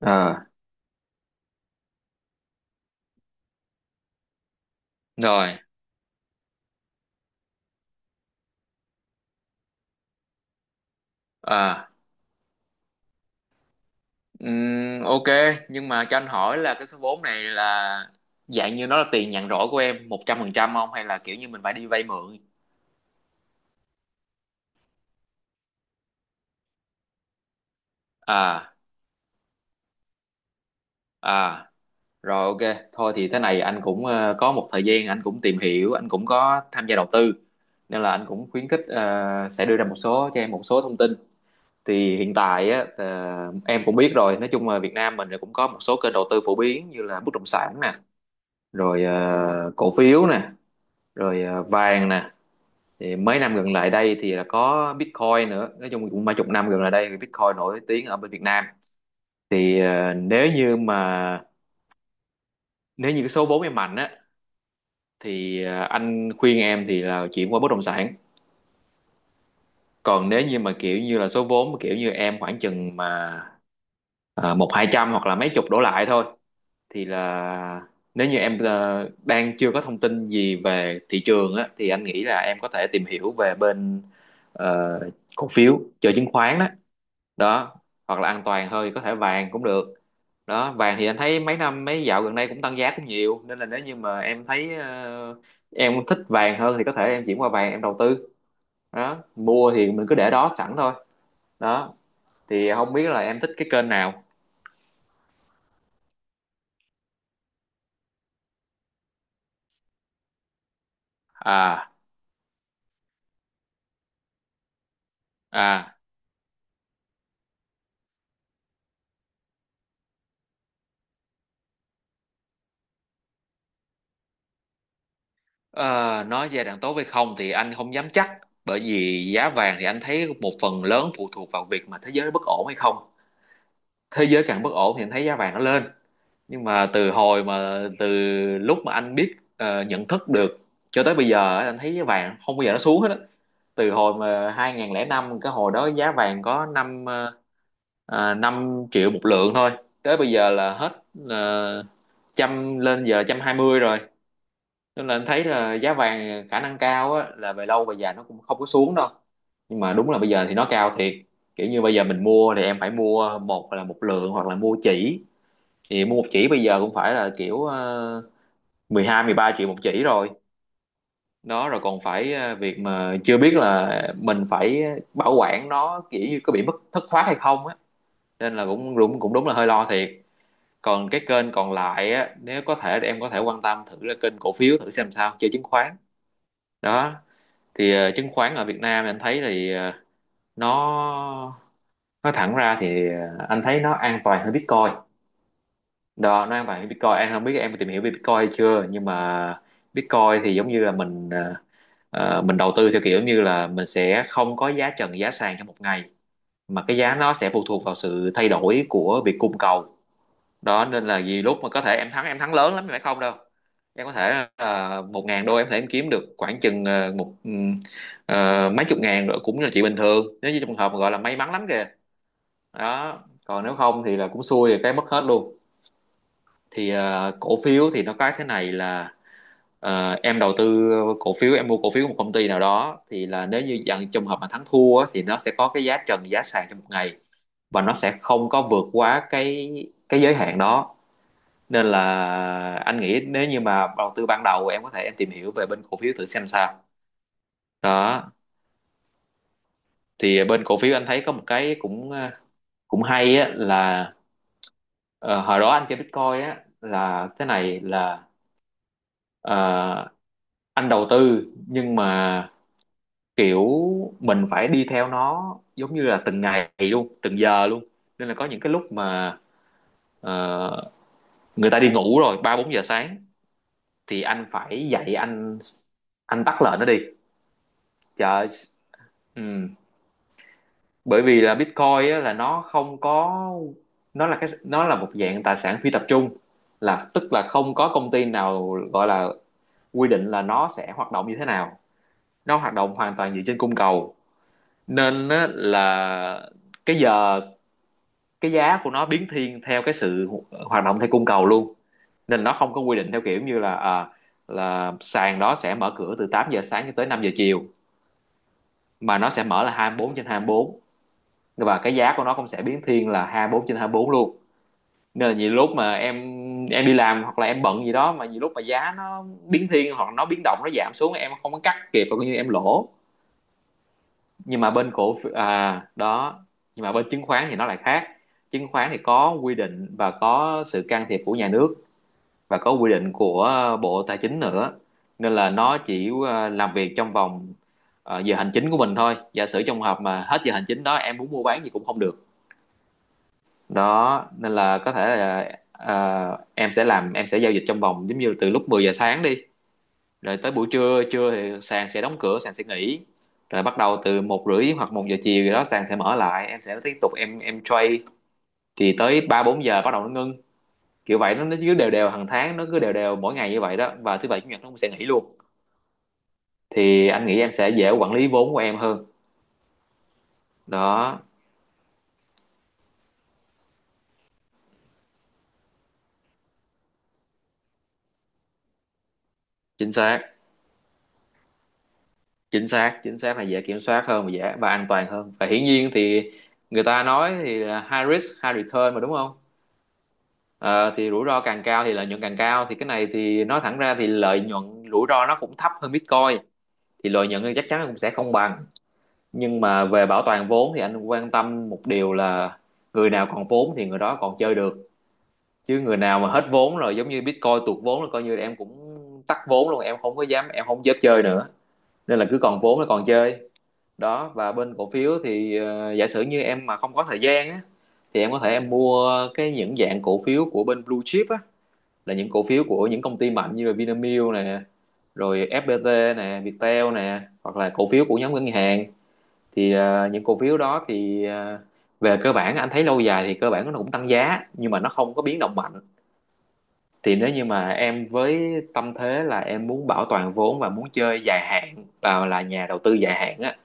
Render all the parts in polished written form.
à Rồi, à, ok, nhưng mà cho anh hỏi là cái số vốn này là dạng như nó là tiền nhàn rỗi của em 100% không hay là kiểu như mình phải đi vay mượn? À, à, Rồi, ok, thôi thì thế này anh cũng có một thời gian anh cũng tìm hiểu, anh cũng có tham gia đầu tư nên là anh cũng khuyến khích, sẽ đưa ra một số cho em một số thông tin. Thì hiện tại á, em cũng biết rồi, nói chung là Việt Nam mình cũng có một số kênh đầu tư phổ biến như là bất động sản nè, rồi cổ phiếu nè, rồi vàng nè. Thì mấy năm gần lại đây thì là có Bitcoin nữa, nói chung cũng mấy chục năm gần lại đây thì Bitcoin nổi tiếng ở bên Việt Nam. Thì nếu như cái số vốn em mạnh á thì anh khuyên em thì là chuyển qua bất động sản. Còn nếu như mà kiểu như là số vốn mà kiểu như em khoảng chừng mà một hai trăm hoặc là mấy chục đổ lại thôi thì là, nếu như em đang chưa có thông tin gì về thị trường á thì anh nghĩ là em có thể tìm hiểu về bên ờ, cổ phiếu, chơi chứng khoán đó. Đó, hoặc là an toàn hơi có thể vàng cũng được. Đó, vàng thì anh thấy mấy năm mấy dạo gần đây cũng tăng giá cũng nhiều nên là nếu như mà em thấy, em thích vàng hơn thì có thể em chuyển qua vàng em đầu tư. Đó, mua thì mình cứ để đó sẵn thôi. Đó, thì không biết là em thích cái kênh nào. à à ờ, nói giai đoạn tốt hay không thì anh không dám chắc, bởi vì giá vàng thì anh thấy một phần lớn phụ thuộc vào việc mà thế giới nó bất ổn hay không. Thế giới càng bất ổn thì anh thấy giá vàng nó lên. Nhưng mà từ lúc mà anh biết, nhận thức được cho tới bây giờ á, anh thấy giá vàng không bao giờ nó xuống hết á. Từ hồi mà 2005, cái hồi đó giá vàng có năm, 5 triệu một lượng thôi, tới bây giờ là hết ờ, 100, lên giờ 120 rồi. Nên là anh thấy là giá vàng khả năng cao á, là về lâu về dài nó cũng không có xuống đâu. Nhưng mà đúng là bây giờ thì nó cao thiệt, kiểu như bây giờ mình mua thì em phải mua, một là một lượng hoặc là mua chỉ. Thì mua một chỉ bây giờ cũng phải là kiểu, 12 13 triệu một chỉ rồi. Đó, rồi còn phải việc mà chưa biết là mình phải bảo quản nó, kiểu như có bị mất thất thoát hay không á. Nên là cũng đúng là hơi lo thiệt. Còn cái kênh còn lại á, nếu có thể thì em có thể quan tâm thử là kênh cổ phiếu, thử xem sao, chơi chứng khoán đó. Thì chứng khoán ở Việt Nam anh thấy thì, nó nói thẳng ra thì, anh thấy nó an toàn hơn Bitcoin. Đó, nói bạn Bitcoin em không biết em có tìm hiểu về Bitcoin hay chưa, nhưng mà Bitcoin thì giống như là mình, mình đầu tư theo kiểu như là mình sẽ không có giá trần giá sàn trong một ngày, mà cái giá nó sẽ phụ thuộc vào sự thay đổi của việc cung cầu. Đó, nên là vì lúc mà có thể em thắng lớn lắm nhưng phải không đâu. Em có thể, 1.000 đô em có thể em kiếm được khoảng chừng ờ, mấy chục ngàn rồi cũng là chuyện bình thường nếu như trong trường hợp mà gọi là may mắn lắm kìa. Đó, còn nếu không thì là cũng xui thì cái mất hết luôn. Thì cổ phiếu thì nó có thế này là, em đầu tư cổ phiếu, em mua cổ phiếu của một công ty nào đó thì là nếu như dạng trong hợp mà thắng thua á, thì nó sẽ có cái giá trần giá sàn trong một ngày, và nó sẽ không có vượt quá cái giới hạn đó. Nên là anh nghĩ nếu như mà đầu tư ban đầu, em có thể em tìm hiểu về bên cổ phiếu, thử xem sao đó. Thì bên cổ phiếu anh thấy có một cái cũng, cũng hay á, là ờ, hồi đó anh chơi Bitcoin á là thế này là, ờ, anh đầu tư nhưng mà kiểu mình phải đi theo nó giống như là từng ngày luôn, từng giờ luôn. Nên là có những cái lúc mà, ờ, người ta đi ngủ rồi, 3 - 4 giờ sáng thì anh phải dậy, anh tắt lệnh nó đi. Trời ơi. Ừ, bởi vì là Bitcoin á, là nó không có nó là nó là một dạng tài sản phi tập trung, là tức là không có công ty nào gọi là quy định là nó sẽ hoạt động như thế nào. Nó hoạt động hoàn toàn dựa trên cung cầu, nên á, là cái giờ cái giá của nó biến thiên theo cái sự hoạt động theo cung cầu luôn. Nên nó không có quy định theo kiểu như là, là sàn đó sẽ mở cửa từ 8 giờ sáng cho tới 5 giờ chiều, mà nó sẽ mở là 24/24, và cái giá của nó cũng sẽ biến thiên là 24/24 luôn. Nên là nhiều lúc mà em đi làm hoặc là em bận gì đó, mà nhiều lúc mà giá nó biến thiên hoặc nó biến động nó giảm xuống em không có cắt kịp, coi như em lỗ. Nhưng mà bên cổ phiếu đó, nhưng mà bên chứng khoán thì nó lại khác. Chứng khoán thì có quy định và có sự can thiệp của nhà nước, và có quy định của Bộ Tài chính nữa. Nên là nó chỉ làm việc trong vòng giờ hành chính của mình thôi, giả sử trong hợp mà hết giờ hành chính đó em muốn mua bán gì cũng không được. Đó, nên là có thể là ờ, em sẽ làm em sẽ giao dịch trong vòng giống như từ lúc 10 giờ sáng đi, rồi tới buổi trưa trưa thì sàn sẽ đóng cửa, sàn sẽ nghỉ, rồi bắt đầu từ 1 rưỡi hoặc 1 giờ chiều gì đó sàn sẽ mở lại, em sẽ tiếp tục em trade, thì tới 3 - 4 giờ bắt đầu nó ngưng, kiểu vậy. Nó cứ đều đều hàng tháng, nó cứ đều đều mỗi ngày như vậy đó, và thứ bảy chủ nhật nó cũng sẽ nghỉ luôn. Thì anh nghĩ em sẽ dễ quản lý vốn của em hơn đó. Chính xác, chính xác, chính xác là dễ kiểm soát hơn và dễ và an toàn hơn, và hiển nhiên thì người ta nói thì là high risk high return mà đúng không. Ờ, thì rủi ro càng cao thì lợi nhuận càng cao, thì cái này thì nói thẳng ra thì lợi nhuận, rủi ro nó cũng thấp hơn Bitcoin, thì lợi nhuận thì chắc chắn nó cũng sẽ không bằng. Nhưng mà về bảo toàn vốn thì anh quan tâm một điều là người nào còn vốn thì người đó còn chơi được, chứ người nào mà hết vốn rồi, giống như Bitcoin tuột vốn là coi như là em cũng tắt vốn luôn, em không có dám em không dám chơi nữa. Nên là cứ còn vốn là còn chơi. Đó, và bên cổ phiếu thì giả sử như em mà không có thời gian á thì em có thể em mua cái những dạng cổ phiếu của bên blue chip á, là những cổ phiếu của những công ty mạnh như là Vinamilk nè, rồi FPT nè, Viettel nè, hoặc là cổ phiếu của nhóm ngân hàng. Thì những cổ phiếu đó thì về cơ bản anh thấy lâu dài thì cơ bản nó cũng tăng giá, nhưng mà nó không có biến động mạnh. Thì nếu như mà em với tâm thế là em muốn bảo toàn vốn và muốn chơi dài hạn và là nhà đầu tư dài hạn á,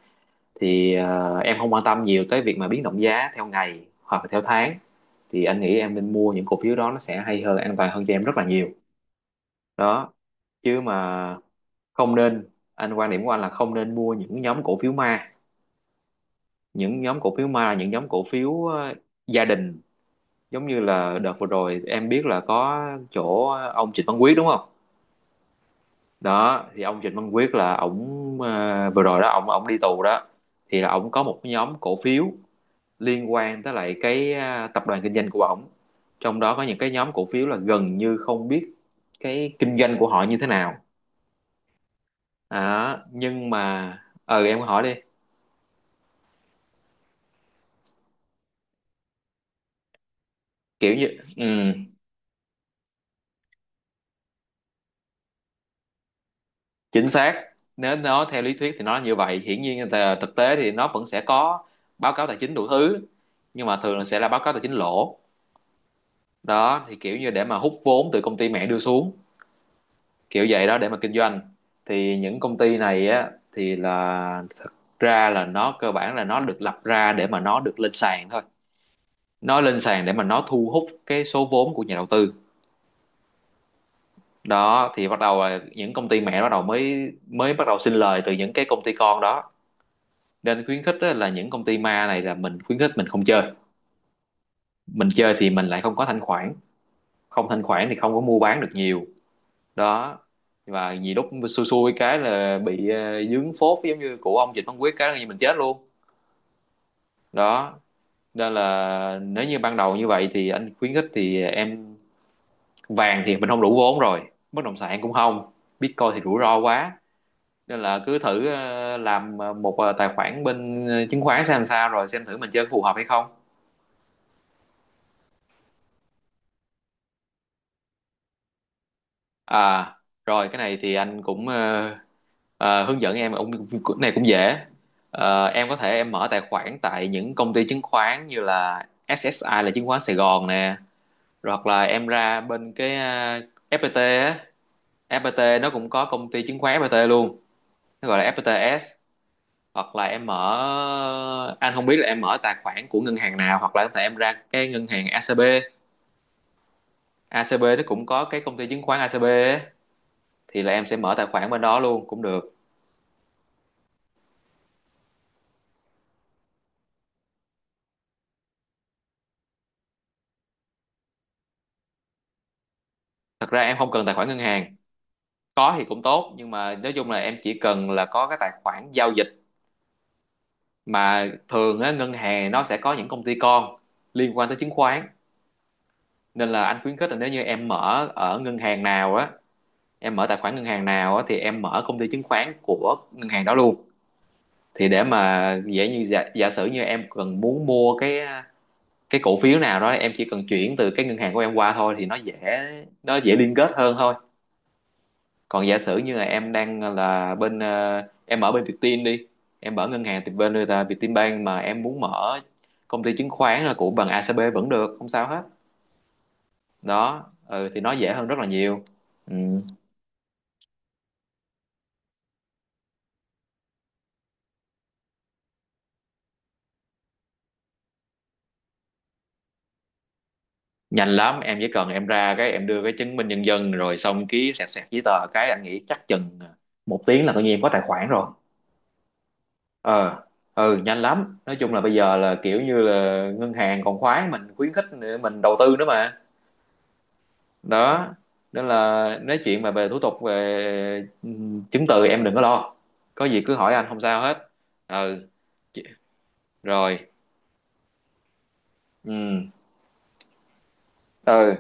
thì em không quan tâm nhiều tới việc mà biến động giá theo ngày hoặc là theo tháng, thì anh nghĩ em nên mua những cổ phiếu đó, nó sẽ hay hơn, an toàn hơn cho em rất là nhiều đó. Chứ mà không nên, anh quan điểm của anh là không nên mua những nhóm cổ phiếu ma. Những nhóm cổ phiếu ma là những nhóm cổ phiếu gia đình, giống như là đợt vừa rồi em biết là có chỗ ông Trịnh Văn Quyết đúng không. Đó thì ông Trịnh Văn Quyết là ổng, vừa rồi đó ổng ổng đi tù đó. Thì là ổng có một cái nhóm cổ phiếu liên quan tới lại cái tập đoàn kinh doanh của ổng, trong đó có những cái nhóm cổ phiếu là gần như không biết cái kinh doanh của họ như thế nào đó. Nhưng mà ừ, em hỏi đi. Kiểu như, ừ, chính xác. Nếu nó theo lý thuyết thì nó là như vậy, hiển nhiên là thực tế thì nó vẫn sẽ có báo cáo tài chính đủ thứ, nhưng mà thường là sẽ là báo cáo tài chính lỗ đó. Thì kiểu như để mà hút vốn từ công ty mẹ đưa xuống kiểu vậy đó để mà kinh doanh. Thì những công ty này á thì là thực ra là nó cơ bản là nó được lập ra để mà nó được lên sàn thôi. Nó lên sàn để mà nó thu hút cái số vốn của nhà đầu tư đó. Thì bắt đầu là những công ty mẹ bắt đầu mới mới bắt đầu sinh lời từ những cái công ty con đó. Nên khuyến khích á, là những công ty ma này là mình khuyến khích mình không chơi. Mình chơi thì mình lại không có thanh khoản, không thanh khoản thì không có mua bán được nhiều đó. Và nhiều lúc xui xui cái là bị dướng phốt giống như của ông Dịch Văn Quyết cái là như mình chết luôn đó. Nên là nếu như ban đầu như vậy thì anh khuyến khích thì em, vàng thì mình không đủ vốn rồi, bất động sản cũng không, Bitcoin thì rủi ro quá, nên là cứ thử làm một tài khoản bên chứng khoán xem làm sao rồi xem thử mình chơi có phù hợp hay không. À, Rồi cái này thì anh cũng hướng dẫn em ông cái này cũng dễ. Em có thể em mở tài khoản tại những công ty chứng khoán như là SSI là chứng khoán Sài Gòn nè, rồi hoặc là em ra bên cái FPT á, FPT nó cũng có công ty chứng khoán FPT luôn, nó gọi là FPTS. Hoặc là em mở, anh không biết là em mở tài khoản của ngân hàng nào, hoặc là có thể em ra cái ngân hàng ACB, ACB nó cũng có cái công ty chứng khoán ACB á, thì là em sẽ mở tài khoản bên đó luôn cũng được. Thật ra em không cần tài khoản ngân hàng, có thì cũng tốt nhưng mà nói chung là em chỉ cần là có cái tài khoản giao dịch. Mà thường á ngân hàng nó sẽ có những công ty con liên quan tới chứng khoán, nên là anh khuyến khích là nếu như em mở ở ngân hàng nào á, em mở tài khoản ngân hàng nào á thì em mở công ty chứng khoán của ngân hàng đó luôn. Thì để mà dễ, như giả sử như em cần muốn mua cái cổ phiếu nào đó em chỉ cần chuyển từ cái ngân hàng của em qua thôi thì nó dễ, nó dễ liên kết hơn thôi. Còn giả sử như là em đang là bên em ở bên Vietin đi, em mở ngân hàng thì bên người ta Vietin Vietinbank, mà em muốn mở công ty chứng khoán là của bằng ACB vẫn được không sao hết đó. Ừ, thì nó dễ hơn rất là nhiều. Ừ. Nhanh lắm, em chỉ cần em ra cái em đưa cái chứng minh nhân dân rồi xong ký sẹt sẹt giấy tờ cái anh nghĩ chắc chừng một tiếng là tự nhiên em có tài khoản rồi. Ờ, ừ, nhanh lắm, nói chung là bây giờ là kiểu như là ngân hàng còn khoái mình, khuyến khích mình đầu tư nữa mà đó. Nên là nói chuyện mà về thủ tục về chứng từ em đừng có lo, có gì cứ hỏi anh không sao hết. Ừ. Chị- rồi, ừ, ừ.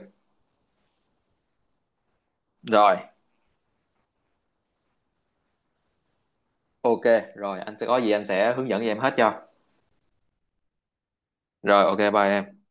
Rồi ok, rồi anh sẽ có gì anh sẽ hướng dẫn cho em hết cho. Rồi ok, bye em.